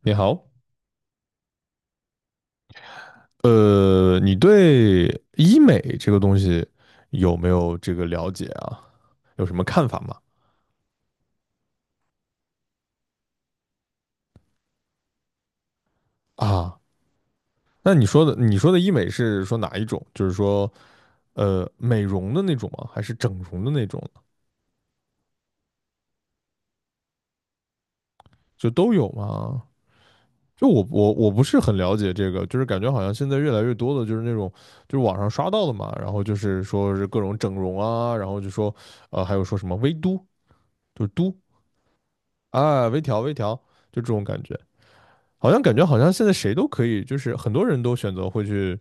你好。你对医美这个东西有没有这个了解啊？有什么看法吗？啊，那你说的医美是说哪一种？就是说，美容的那种吗？还是整容的那种呢？就都有吗？就我不是很了解这个，就是感觉好像现在越来越多的就是那种就是网上刷到的嘛，然后就是说是各种整容啊，然后就说还有说什么微嘟，就是嘟啊，微调微调，就这种感觉。好像感觉好像现在谁都可以，就是很多人都选择会去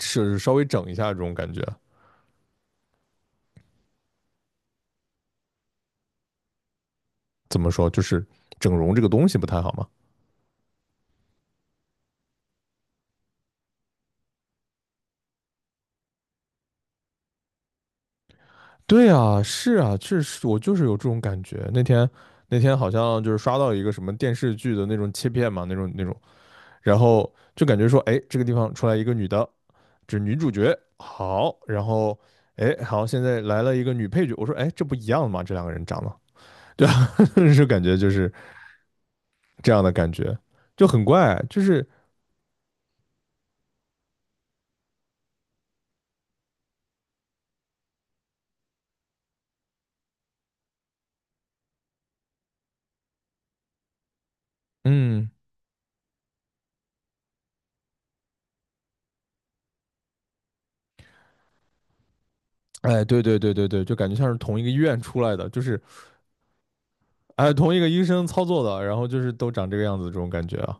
是稍微整一下这种感觉。怎么说，就是整容这个东西不太好嘛？对啊，是啊，确实我就是有这种感觉。那天好像就是刷到一个什么电视剧的那种切片嘛，那种，然后就感觉说，哎，这个地方出来一个女的，这女主角好，然后哎，好，现在来了一个女配角，我说，哎，这不一样吗？这两个人长得，对啊，就感觉就是这样的感觉，就很怪，就是嗯，哎，对，就感觉像是同一个医院出来的，就是哎，同一个医生操作的，然后就是都长这个样子，这种感觉啊。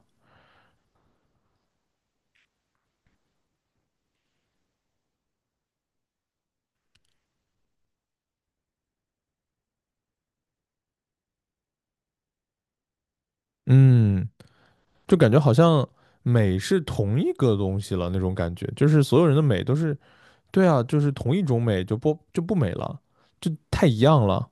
嗯，就感觉好像美是同一个东西了那种感觉，就是所有人的美都是对啊，就是同一种美就不美了，就太一样了。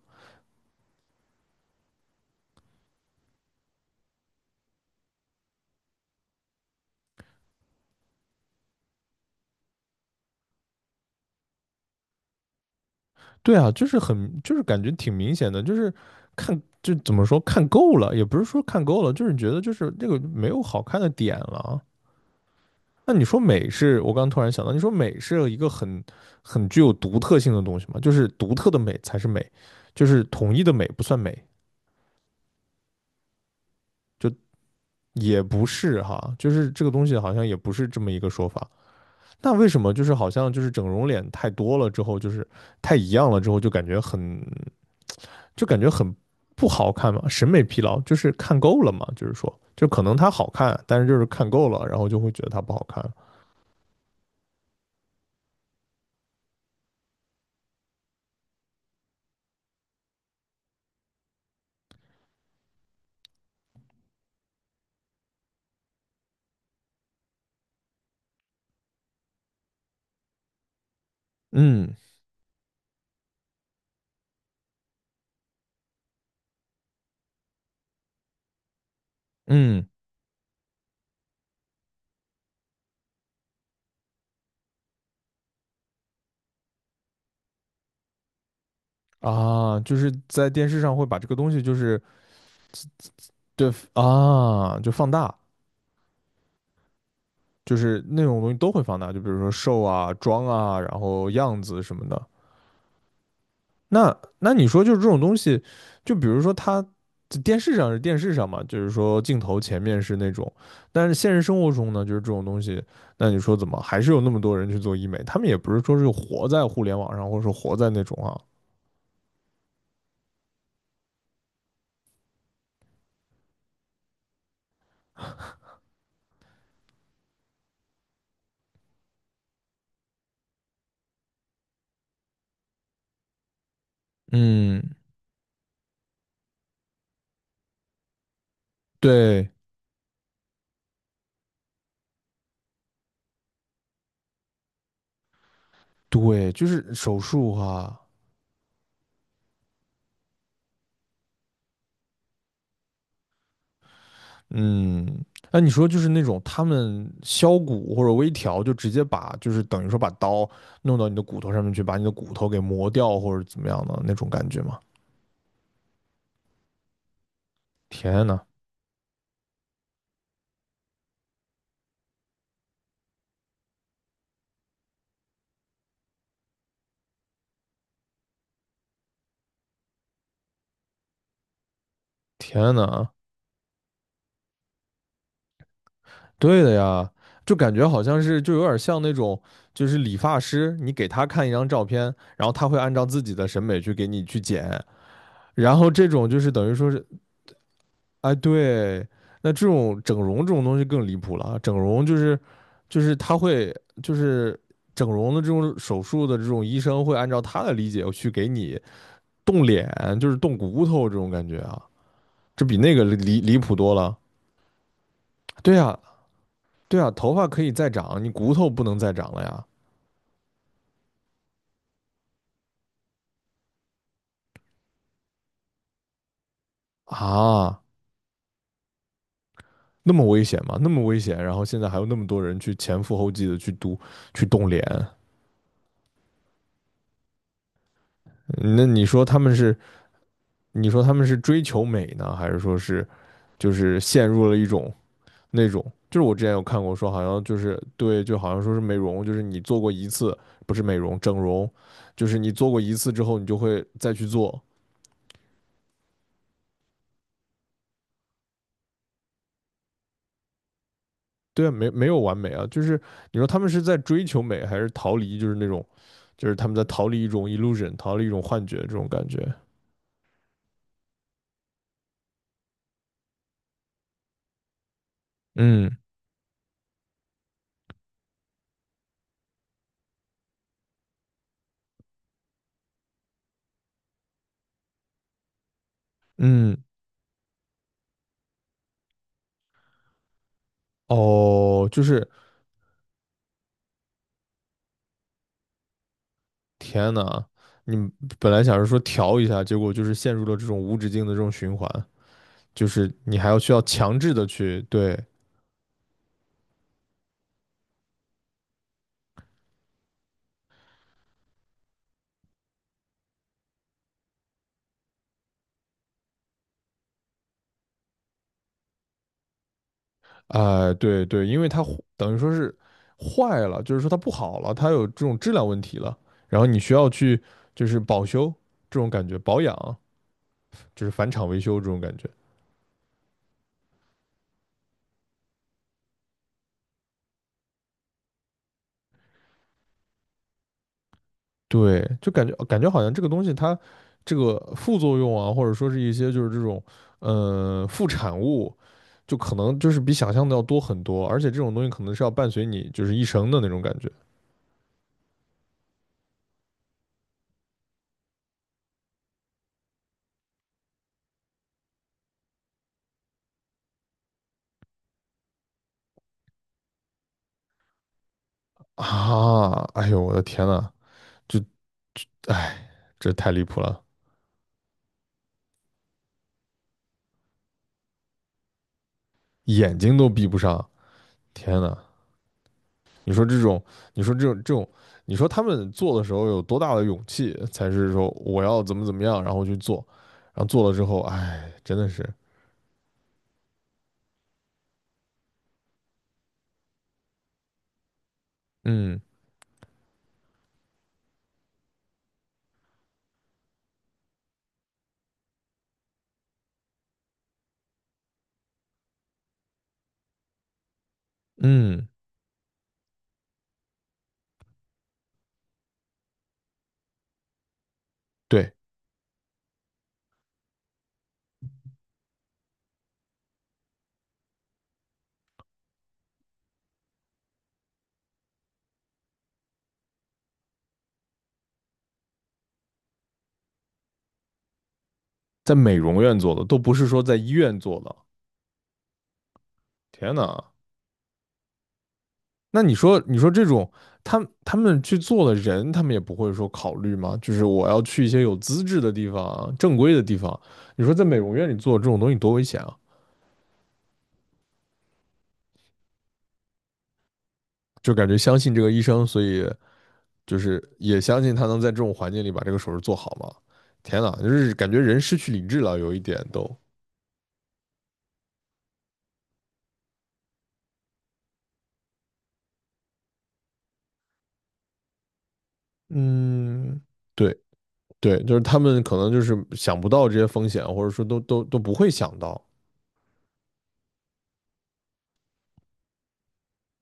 对啊，就是很，就是感觉挺明显的，就是看，就怎么说看够了，也不是说看够了，就是觉得就是这个没有好看的点了。那你说美是我刚突然想到，你说美是一个很具有独特性的东西嘛？就是独特的美才是美，就是统一的美不算美，也不是哈，就是这个东西好像也不是这么一个说法。那为什么就是好像就是整容脸太多了之后，就是太一样了之后，就感觉很不好看嘛？审美疲劳就是看够了嘛？就是说，就可能它好看，但是就是看够了，然后就会觉得它不好看。嗯嗯，啊，就是在电视上会把这个东西，就是对啊，就放大，就是那种东西都会放大，就比如说瘦啊、妆啊，然后样子什么的。那你说，就是这种东西，就比如说它在电视上是电视上嘛，就是说镜头前面是那种，但是现实生活中呢，就是这种东西，那你说怎么还是有那么多人去做医美？他们也不是说是活在互联网上，或者说活在那种啊。嗯，对对，就是手术哈。嗯，那你说就是那种他们削骨或者微调，就直接把就是等于说把刀弄到你的骨头上面去，把你的骨头给磨掉或者怎么样的那种感觉吗？天呐，天呐，对的呀，就感觉好像是就有点像那种就是理发师，你给他看一张照片，然后他会按照自己的审美去给你去剪，然后这种就是等于说是哎，对，那这种整容这种东西更离谱了啊，整容就是就是他会就是整容的这种手术的这种医生会按照他的理解去给你动脸，就是动骨头这种感觉啊，这比那个离谱多了。对呀，对呀，头发可以再长，你骨头不能再长了呀。啊，那么危险吗？那么危险，然后现在还有那么多人去前赴后继的去读去动脸。嗯，那你说他们是？你说他们是追求美呢，还是说是就是陷入了一种那种？就是我之前有看过说，好像就是对，就好像说是美容，就是你做过一次，不是美容，整容，就是你做过一次之后，你就会再去做。对啊，没有完美啊，就是你说他们是在追求美，还是逃离，就是那种，就是他们在逃离一种 illusion,逃离一种幻觉这种感觉。嗯嗯，哦，就是天呐，你本来想着说调一下，结果就是陷入了这种无止境的这种循环，就是你还要需要强制的去对。哎、对对，因为它坏，等于说是坏了，就是说它不好了，它有这种质量问题了，然后你需要去就是保修这种感觉，保养，就是返厂维修这种感觉。对，就感觉感觉好像这个东西它这个副作用啊，或者说是一些就是这种副产物，就可能就是比想象的要多很多，而且这种东西可能是要伴随你就是一生的那种感觉。啊！哎呦我的天呐，这这太离谱了。眼睛都闭不上，天呐，你说这种，你说这种，你说他们做的时候有多大的勇气，才是说我要怎么怎么样，然后去做，然后做了之后，哎，真的是，嗯嗯，对。在美容院做的，都不是说在医院做的。天哪，那你说，你说这种他他们去做的人，他们也不会说考虑吗？就是我要去一些有资质的地方啊、正规的地方。你说在美容院里做这种东西多危险啊！就感觉相信这个医生，所以就是也相信他能在这种环境里把这个手术做好吗？天哪，就是感觉人失去理智了，有一点都，嗯，对对，就是他们可能就是想不到这些风险，或者说都不会想到，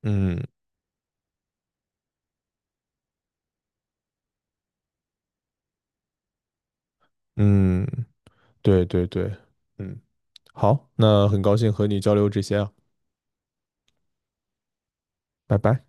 嗯，嗯，对对对，嗯，好，那很高兴和你交流这些啊。拜拜。